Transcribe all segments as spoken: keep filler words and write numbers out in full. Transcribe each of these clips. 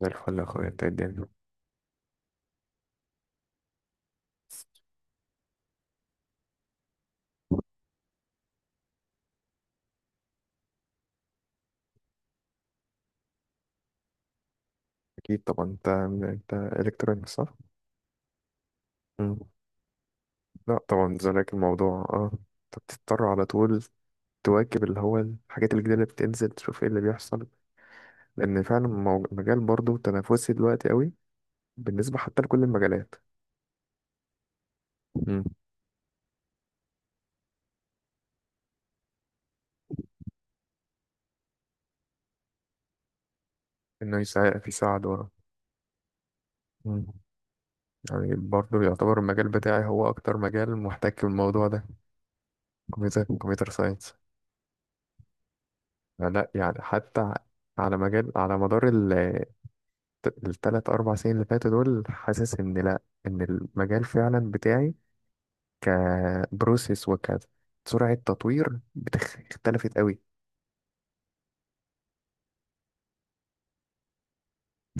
زي الفل يا اخويا، انت إيه الدنيا؟ اكيد طبعا. انت انت الكترونيك صح؟ مم. لا طبعا، زيك الموضوع. اه انت بتضطر على طول تواكب اللي هو الحاجات الجديده اللي بتنزل، تشوف ايه اللي بيحصل. لان فعلا مو- المجال برضه تنافسي دلوقتي قوي، بالنسبه حتى لكل المجالات. مم. انه يساعد يساعد ورا. مم. يعني برضه يعتبر المجال بتاعي هو اكتر مجال محتك بالموضوع ده. كمبيوتر كمبيوتر ساينس. لا يعني حتى على مجال على مدار الثلاث أربع سنين اللي فاتوا دول، حاسس إن، لأ، إن المجال فعلا بتاعي كبروسيس وكسرعة تطوير بتخ- اختلفت قوي.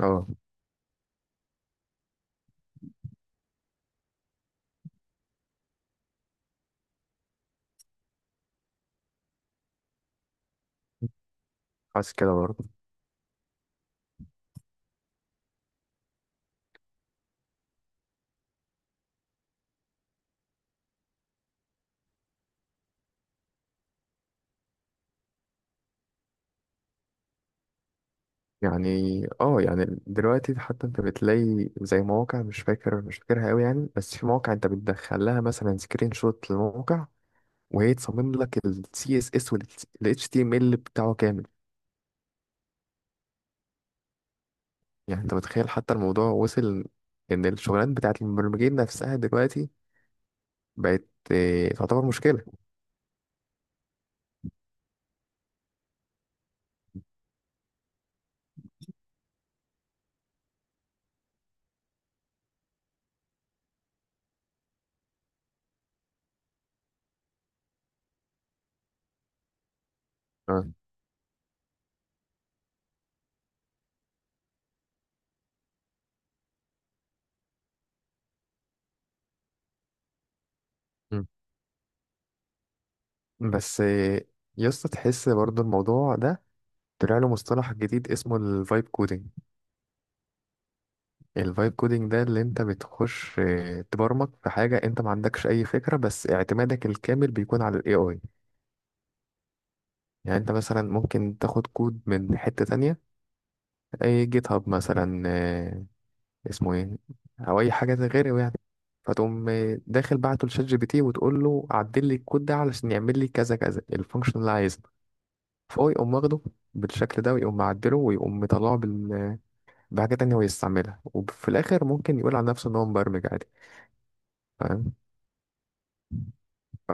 اه، حاسس كده برضه. يعني، اه يعني دلوقتي حتى انت بتلاقي زي مواقع، مش فاكر مش فاكرها قوي يعني، بس في مواقع انت بتدخل لها مثلا سكرين شوت للموقع وهي تصمم لك ال C S S وال H T M L بتاعه كامل. يعني انت متخيل حتى الموضوع وصل ان الشغلانات بتاعت المبرمجين نفسها دلوقتي بقت، آه، تعتبر مشكلة. اه. مم. بس، آه، يا اسطى، تحس برضو الموضوع ده طلع له مصطلح جديد اسمه الفايب كودينج. الفايب كودينج ده اللي انت بتخش آه، تبرمج في حاجة انت ما عندكش اي فكرة، بس اعتمادك الكامل بيكون على الاي اي. يعني انت مثلا ممكن تاخد كود من حتة تانية، اي جيت هاب مثلا، آه، اسمه ايه، او اي حاجة غيره يعني. فتقوم، آه، داخل بعته لشات جي بي تي وتقول له عدل لي الكود ده علشان يعمل لي كذا كذا، الفانكشن اللي عايزها. فهو يقوم واخده بالشكل ده ويقوم معدله ويقوم مطلعه بال... بحاجة تانية هو يستعملها، وفي الآخر ممكن يقول على نفسه إن هو مبرمج عادي. فاهم. ف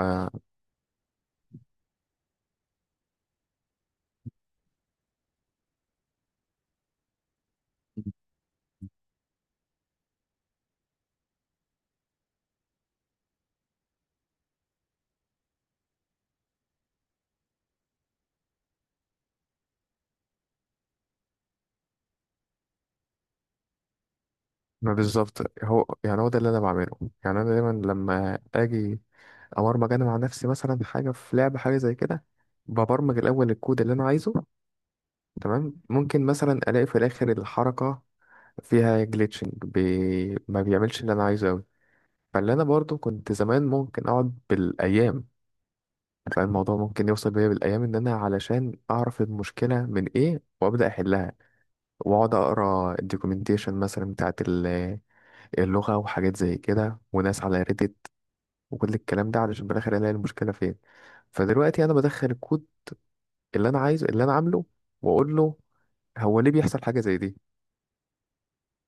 ما بالظبط، هو يعني هو ده اللي أنا بعمله. يعني أنا دايما لما أجي أبرمج أنا مع نفسي مثلا حاجة في لعبة، حاجة زي كده، ببرمج الأول الكود اللي أنا عايزه. تمام، ممكن مثلا ألاقي في الآخر الحركة فيها جليتشنج، بي... ما بيعملش اللي أنا عايزه أوي. فاللي أنا برضو كنت زمان ممكن أقعد بالأيام، فالموضوع ممكن يوصل بيا بالايام، ان انا علشان اعرف المشكله من ايه وابدا احلها، واقعد اقرا الدوكيومنتيشن مثلا بتاعت ال- اللغه وحاجات زي كده، وناس على ريديت وكل الكلام ده، علشان بالاخر الاقي المشكله فين. فدلوقتي انا بدخل الكود اللي انا عايزه، اللي انا عامله، واقول له هو ليه بيحصل حاجه زي دي.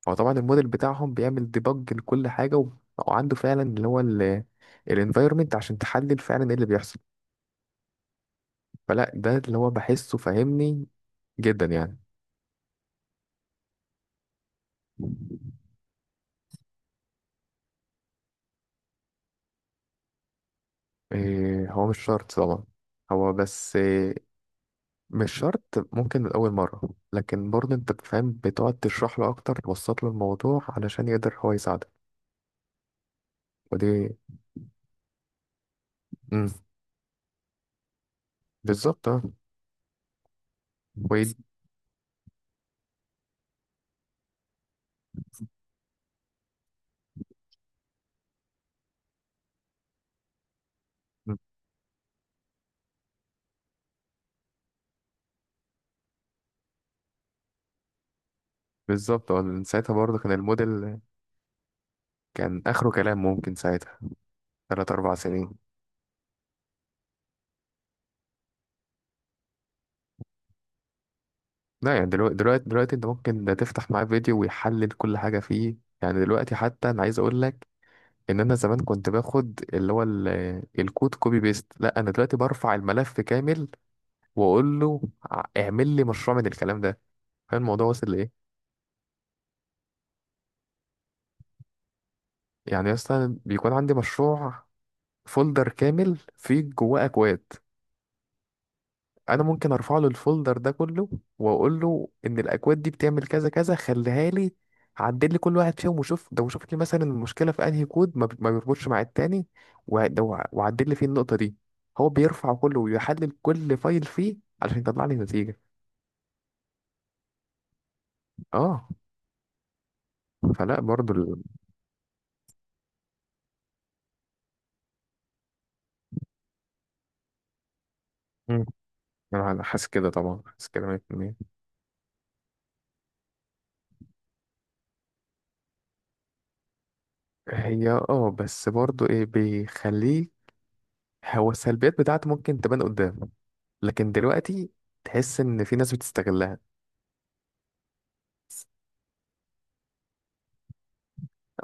هو طبعا الموديل بتاعهم بيعمل ديبج لكل حاجه، و- وعنده فعلا اللي هو الانفايرمنت عشان تحلل فعلا ايه اللي بيحصل. فلا، ده اللي هو بحسه، فاهمني جدا يعني. إيه، هو مش شرط طبعا. هو بس إيه؟ مش شرط ممكن من أول مرة، لكن برضه أنت بتفهم، بتقعد تشرح له أكتر، توسط له الموضوع علشان يقدر هو يساعدك. ودي. مم. بالظبط اه. وي- مم. بالظبط اه. لأن ساعتها برضه كان الموديل، كان آخره كلام ممكن ساعتها تلات أربع سنين. لا يعني دلوقتي دلوقتي دلوقتي أنت ممكن تفتح معاه فيديو ويحلل كل حاجة فيه. يعني دلوقتي حتى أنا عايز أقول لك ان انا زمان كنت باخد اللي هو ال- الكود كوبي بيست. لا انا دلوقتي برفع الملف كامل واقول له ع- اعمل لي مشروع من الكلام ده. فاهم الموضوع وصل لايه. يعني اصلا بيكون عندي مشروع، فولدر كامل فيه جواه اكواد، انا ممكن ارفع له الفولدر ده كله واقول له ان الاكواد دي بتعمل كذا كذا، خليها لي، عدل لي كل واحد فيهم، وشوف ده، وشوف لي مثلا المشكله في انهي كود ما بت- ما بيربطش مع التاني، وع- ده وع- وعدل لي فيه النقطه دي. هو بيرفع كله ويحلل كل فايل فيه علشان يطلع لي نتيجه. اه. فلا برضو ال... مم. انا حاسس كده طبعا، حاسس كده مية في المية. هي اه، بس برضو ايه بيخليه، هو السلبيات بتاعته ممكن تبان قدام، لكن دلوقتي تحس ان في ناس بتستغلها.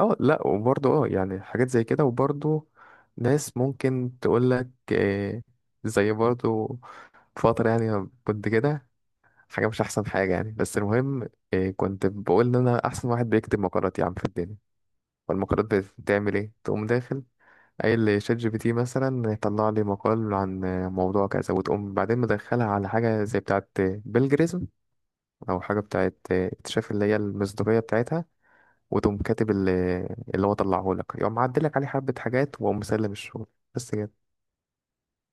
اه، لا، وبرضه اه يعني حاجات زي كده، وبرضه ناس ممكن تقول لك، آه، زي برضه فترة يعني كنت كده حاجة مش أحسن حاجة يعني. بس المهم، آه، كنت بقول إن أنا أحسن واحد بيكتب مقالات يا عم في الدنيا. فالمقالات بتعمل إيه؟ تقوم داخل قايل لشات جي بي تي مثلا طلع لي مقال عن، آه، موضوع كذا، وتقوم بعدين مدخلها على حاجة زي بتاعة بيلجريزم، أو حاجة بتاعة آه، اكتشاف، اللي هي المصداقية بتاعتها. وتقوم كاتب ال- اللي هو طلعه لك، يقوم معدلك عليه حبة حاجات وقوم مسلم الشغل، بس كده.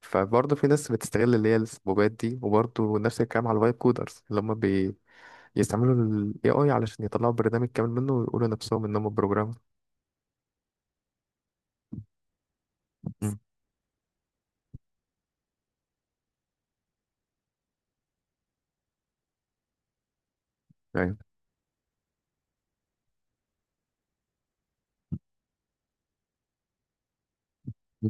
فبرضه في ناس بتستغل اللي هي السبوبات دي، وبرضه نفس الكلام على الفايب كودرز اللي هم بيستعملوا ال إيه آي علشان يطلعوا برنامج كامل منه ويقولوا نفسهم إنهم بروجرامر. مم. يعني. مم.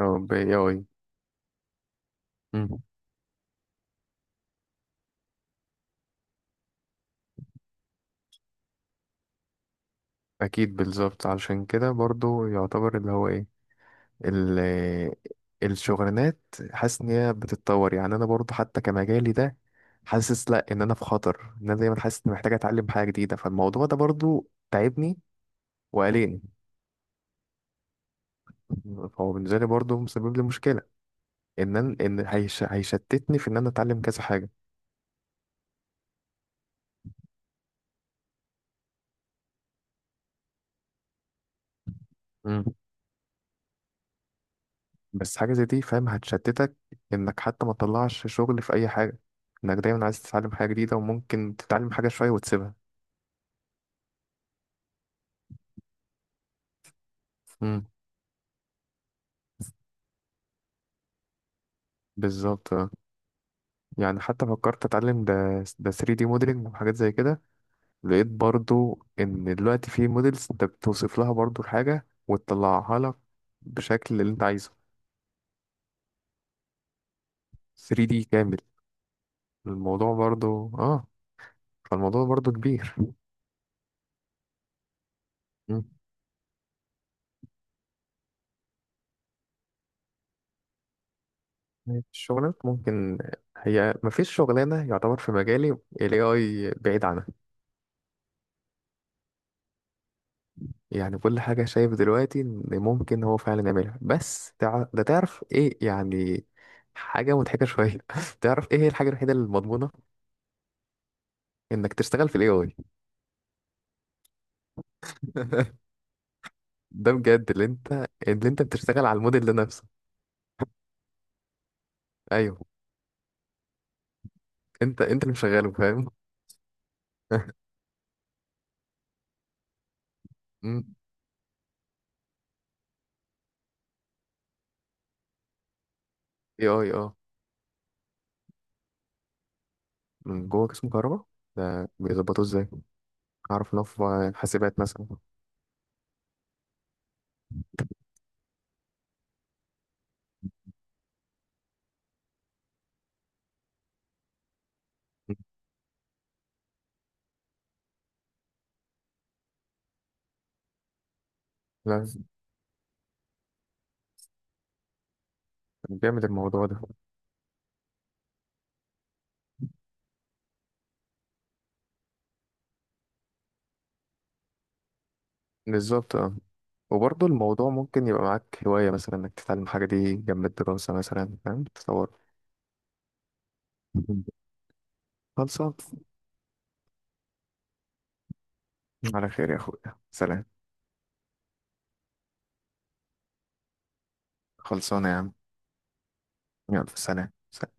اه، ب إيه آي. مم. أكيد، بالظبط. علشان كده برضه يعتبر اللي هو إيه، ال- الشغلانات، حاسس ان هي بتتطور. يعني انا برضو حتى كمجالي ده، حاسس، لا، ان انا في خطر، ان انا دايما حاسس اني محتاج اتعلم حاجه جديده. فالموضوع ده برضو تعبني وقلقني. فهو بالنسبه لي برضو مسبب لي مشكله ان أنا- ان هيش هيشتتني في ان انا اتعلم كذا حاجه. مم. بس حاجه زي دي فاهم هتشتتك، انك حتى ما تطلعش شغل في اي حاجه، انك دايما عايز تتعلم حاجه جديده، وممكن تتعلم حاجه شويه وتسيبها. مم. بالظبط. يعني حتى فكرت اتعلم ده ده ثري دي موديلنج وحاجات زي كده، لقيت برضو ان دلوقتي في موديلز انت بتوصف لها برضو الحاجة وتطلعها لك بشكل اللي انت عايزه، ثري دي كامل. الموضوع برضو اه فالموضوع برضو كبير. مم. الشغلات ممكن، هي مفيش شغلانة يعتبر في مجالي ال إيه آي بعيد عنها. يعني كل حاجة شايف دلوقتي إن ممكن هو فعلا يعملها. بس تع... ده تعرف إيه يعني، حاجة مضحكة شوية. تعرف إيه هي الحاجة الوحيدة المضمونة؟ إنك تشتغل في ال إيه آي. ده بجد اللي أنت اللي أنت بتشتغل على الموديل ده نفسه. أيوه، أنت أنت اللي مشغله، فاهم. أمم، إيه آي. أه، من جوه قسم كهرباء. ده بيظبطوه إزاي؟ أعرف إن هو في حاسبات مثلا. أمم. لا، جامد الموضوع ده. بالظبط أه. وبرضه الموضوع ممكن يبقى معاك هواية، مثلا إنك تتعلم حاجة دي جنب الدراسة مثلا، فاهم، تطور. خلصان. على خير يا أخويا، سلام. خلصانة يا عم. يلا سلام.